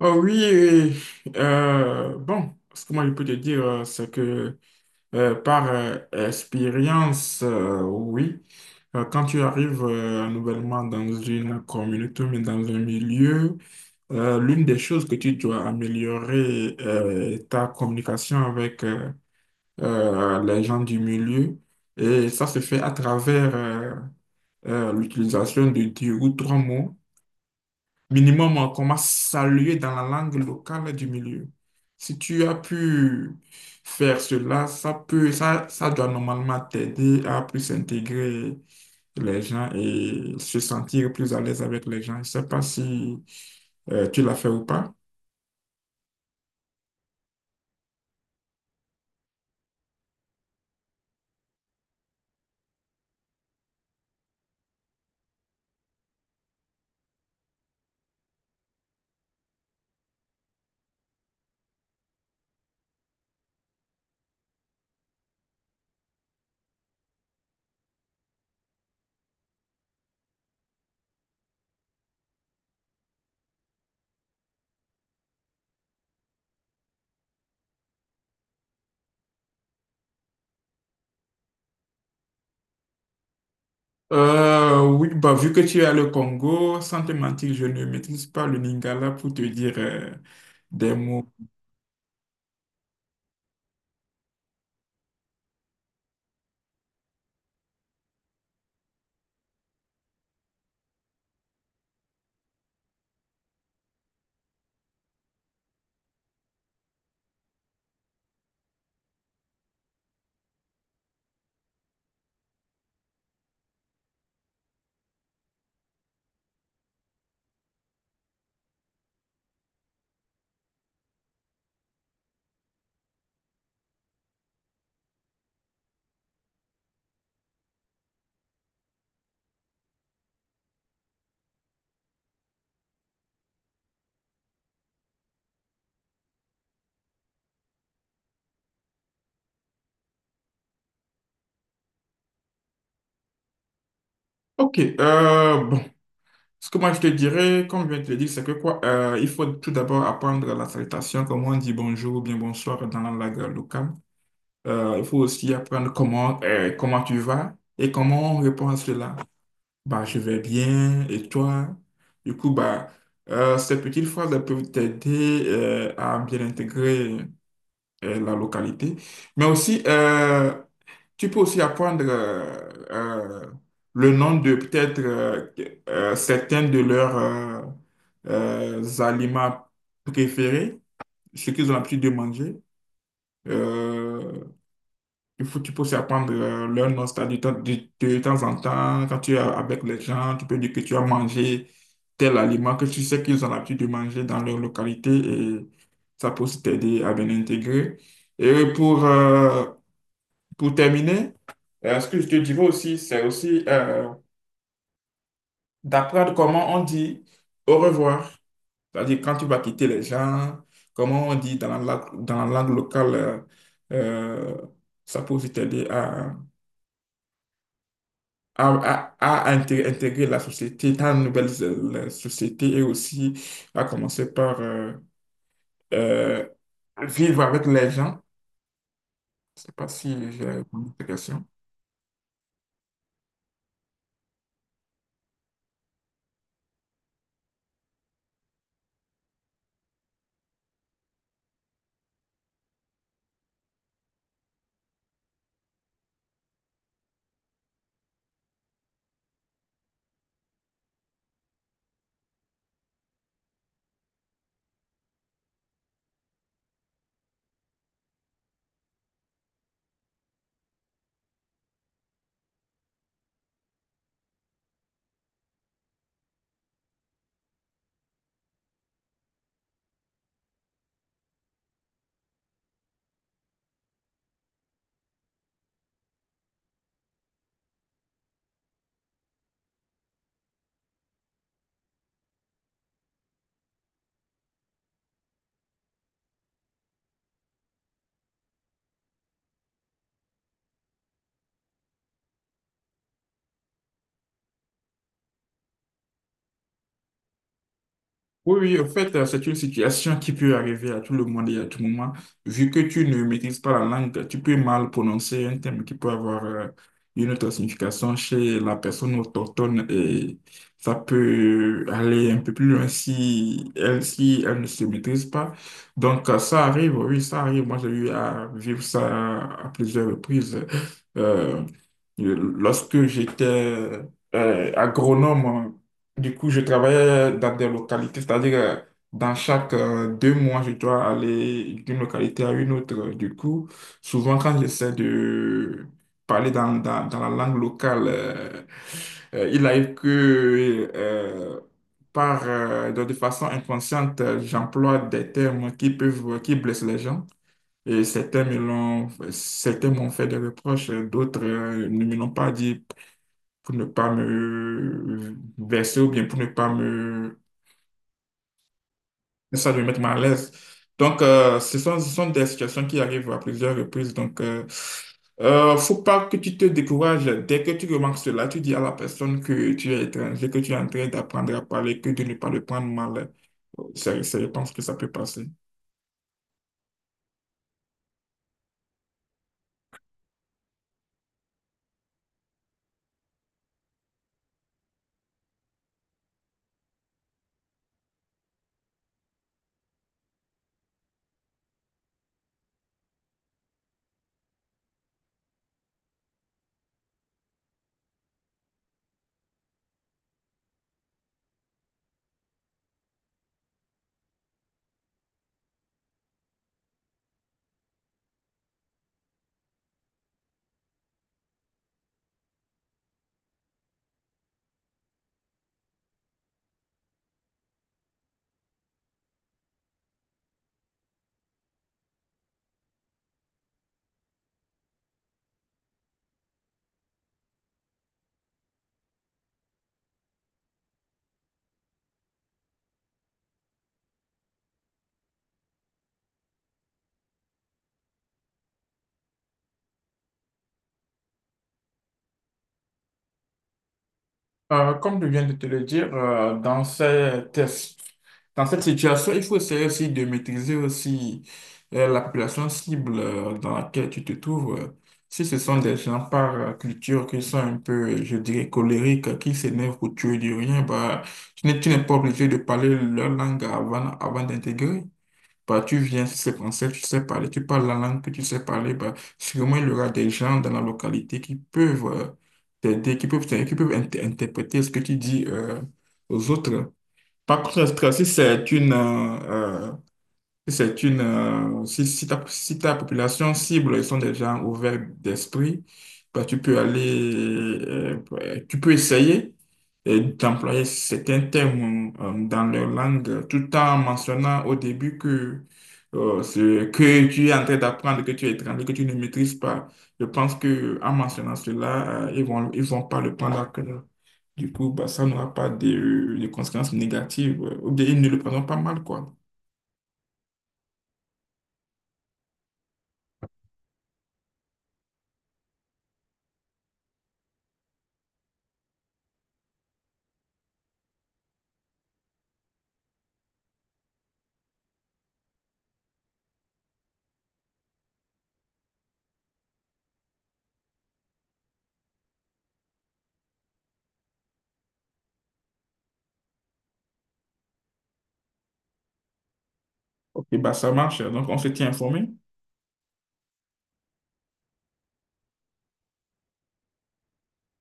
Oh oui, et, bon, ce que moi je peux te dire, c'est que par expérience, oui, quand tu arrives nouvellement dans une communauté, mais dans un milieu, l'une des choses que tu dois améliorer est ta communication avec les gens du milieu. Et ça se fait à travers l'utilisation de 2 ou 3 mots minimum qu'on m'a salué dans la langue locale du milieu. Si tu as pu faire cela, ça peut, ça doit normalement t'aider à plus intégrer les gens et se sentir plus à l'aise avec les gens. Je ne sais pas si tu l'as fait ou pas. Oui, bah, vu que tu es le Congo, sans te mentir, je ne maîtrise pas le Lingala pour te dire des mots. Ok, bon, ce que moi je te dirais, comme je viens de te le dire, c'est que quoi, il faut tout d'abord apprendre la salutation, comment on dit bonjour ou bien bonsoir dans la langue locale. Il faut aussi apprendre comment, comment tu vas et comment on répond à cela. Bah, je vais bien, et toi? Du coup, bah, ces petites phrases elles peuvent t'aider à bien intégrer la localité. Mais aussi, tu peux aussi apprendre euh, le nom de peut-être certains de leurs aliments préférés, ce qu'ils ont l'habitude de manger. Euh, il faut, tu peux aussi apprendre leur nom, c'est-à-dire de, temps de temps en temps, quand tu es avec les gens, tu peux dire que tu as mangé tel aliment que tu sais qu'ils ont l'habitude de manger dans leur localité et ça peut aussi t'aider à bien intégrer. Et pour terminer, ce que je te dirais aussi, c'est aussi d'apprendre comment on dit au revoir. C'est-à-dire quand tu vas quitter les gens, comment on dit dans la langue locale, euh, ça peut vite t'aider à, à intégrer la société dans une nouvelle la société et aussi à commencer par euh, vivre avec les gens. Je ne sais pas si j'ai répondu à ta question. Oui, oui, en fait, c'est une situation qui peut arriver à tout le monde et à tout moment. Vu que tu ne maîtrises pas la langue, tu peux mal prononcer un terme qui peut avoir une autre signification chez la personne autochtone et ça peut aller un peu plus loin si elle, si elle ne se maîtrise pas. Donc, ça arrive, oui, ça arrive. Moi, j'ai eu à vivre ça à plusieurs reprises. Euh, lorsque j'étais agronome, du coup, je travaillais dans des localités, c'est-à-dire dans chaque 2 mois, je dois aller d'une localité à une autre. Du coup, souvent quand j'essaie de parler dans la langue locale, il arrive que par, de façon inconsciente, j'emploie des termes qui peuvent, qui blessent les gens. Et certains me l'ont, certains m'ont fait des reproches, d'autres ne me l'ont pas dit pour ne pas me verser ou bien pour ne pas me, ça, me mettre mal à l'aise. Donc, ce sont des situations qui arrivent à plusieurs reprises. Donc, faut pas que tu te décourages. Dès que tu remarques cela, tu dis à la personne que tu es étranger, que tu es en train d'apprendre à parler, que de ne pas le prendre mal. C'est, je pense que ça peut passer. Comme je viens de te le dire, dans ces tests, dans cette situation, il faut essayer aussi de maîtriser aussi la population cible dans laquelle tu te trouves. Si ce sont des gens par culture qui sont un peu, je dirais, colériques, qui s'énervent pour tuer du rien, bah, tu n'es pas obligé de parler leur langue avant, avant d'intégrer. Bah, tu viens, si c'est français, tu sais parler, tu parles la langue que tu sais parler, bah, sûrement il y aura des gens dans la localité qui peuvent t'aider, qui peuvent interpréter ce que tu dis aux autres. Par contre, si c'est une, c'est une, si, si ta, si ta population cible, ils sont des gens ouverts d'esprit, bah, tu peux aller, ouais, tu peux essayer d'employer certains termes dans leur langue tout en mentionnant au début que ce que tu es en train d'apprendre, que tu es étranger, que tu ne maîtrises pas. Je pense que en mentionnant cela, ils vont pas le prendre à cœur. Du coup, bah, ça n'aura pas de, de conséquences négatives, ou bien ils ne le prendront pas mal, quoi. Ok, bah ça marche. Donc, on se tient informé.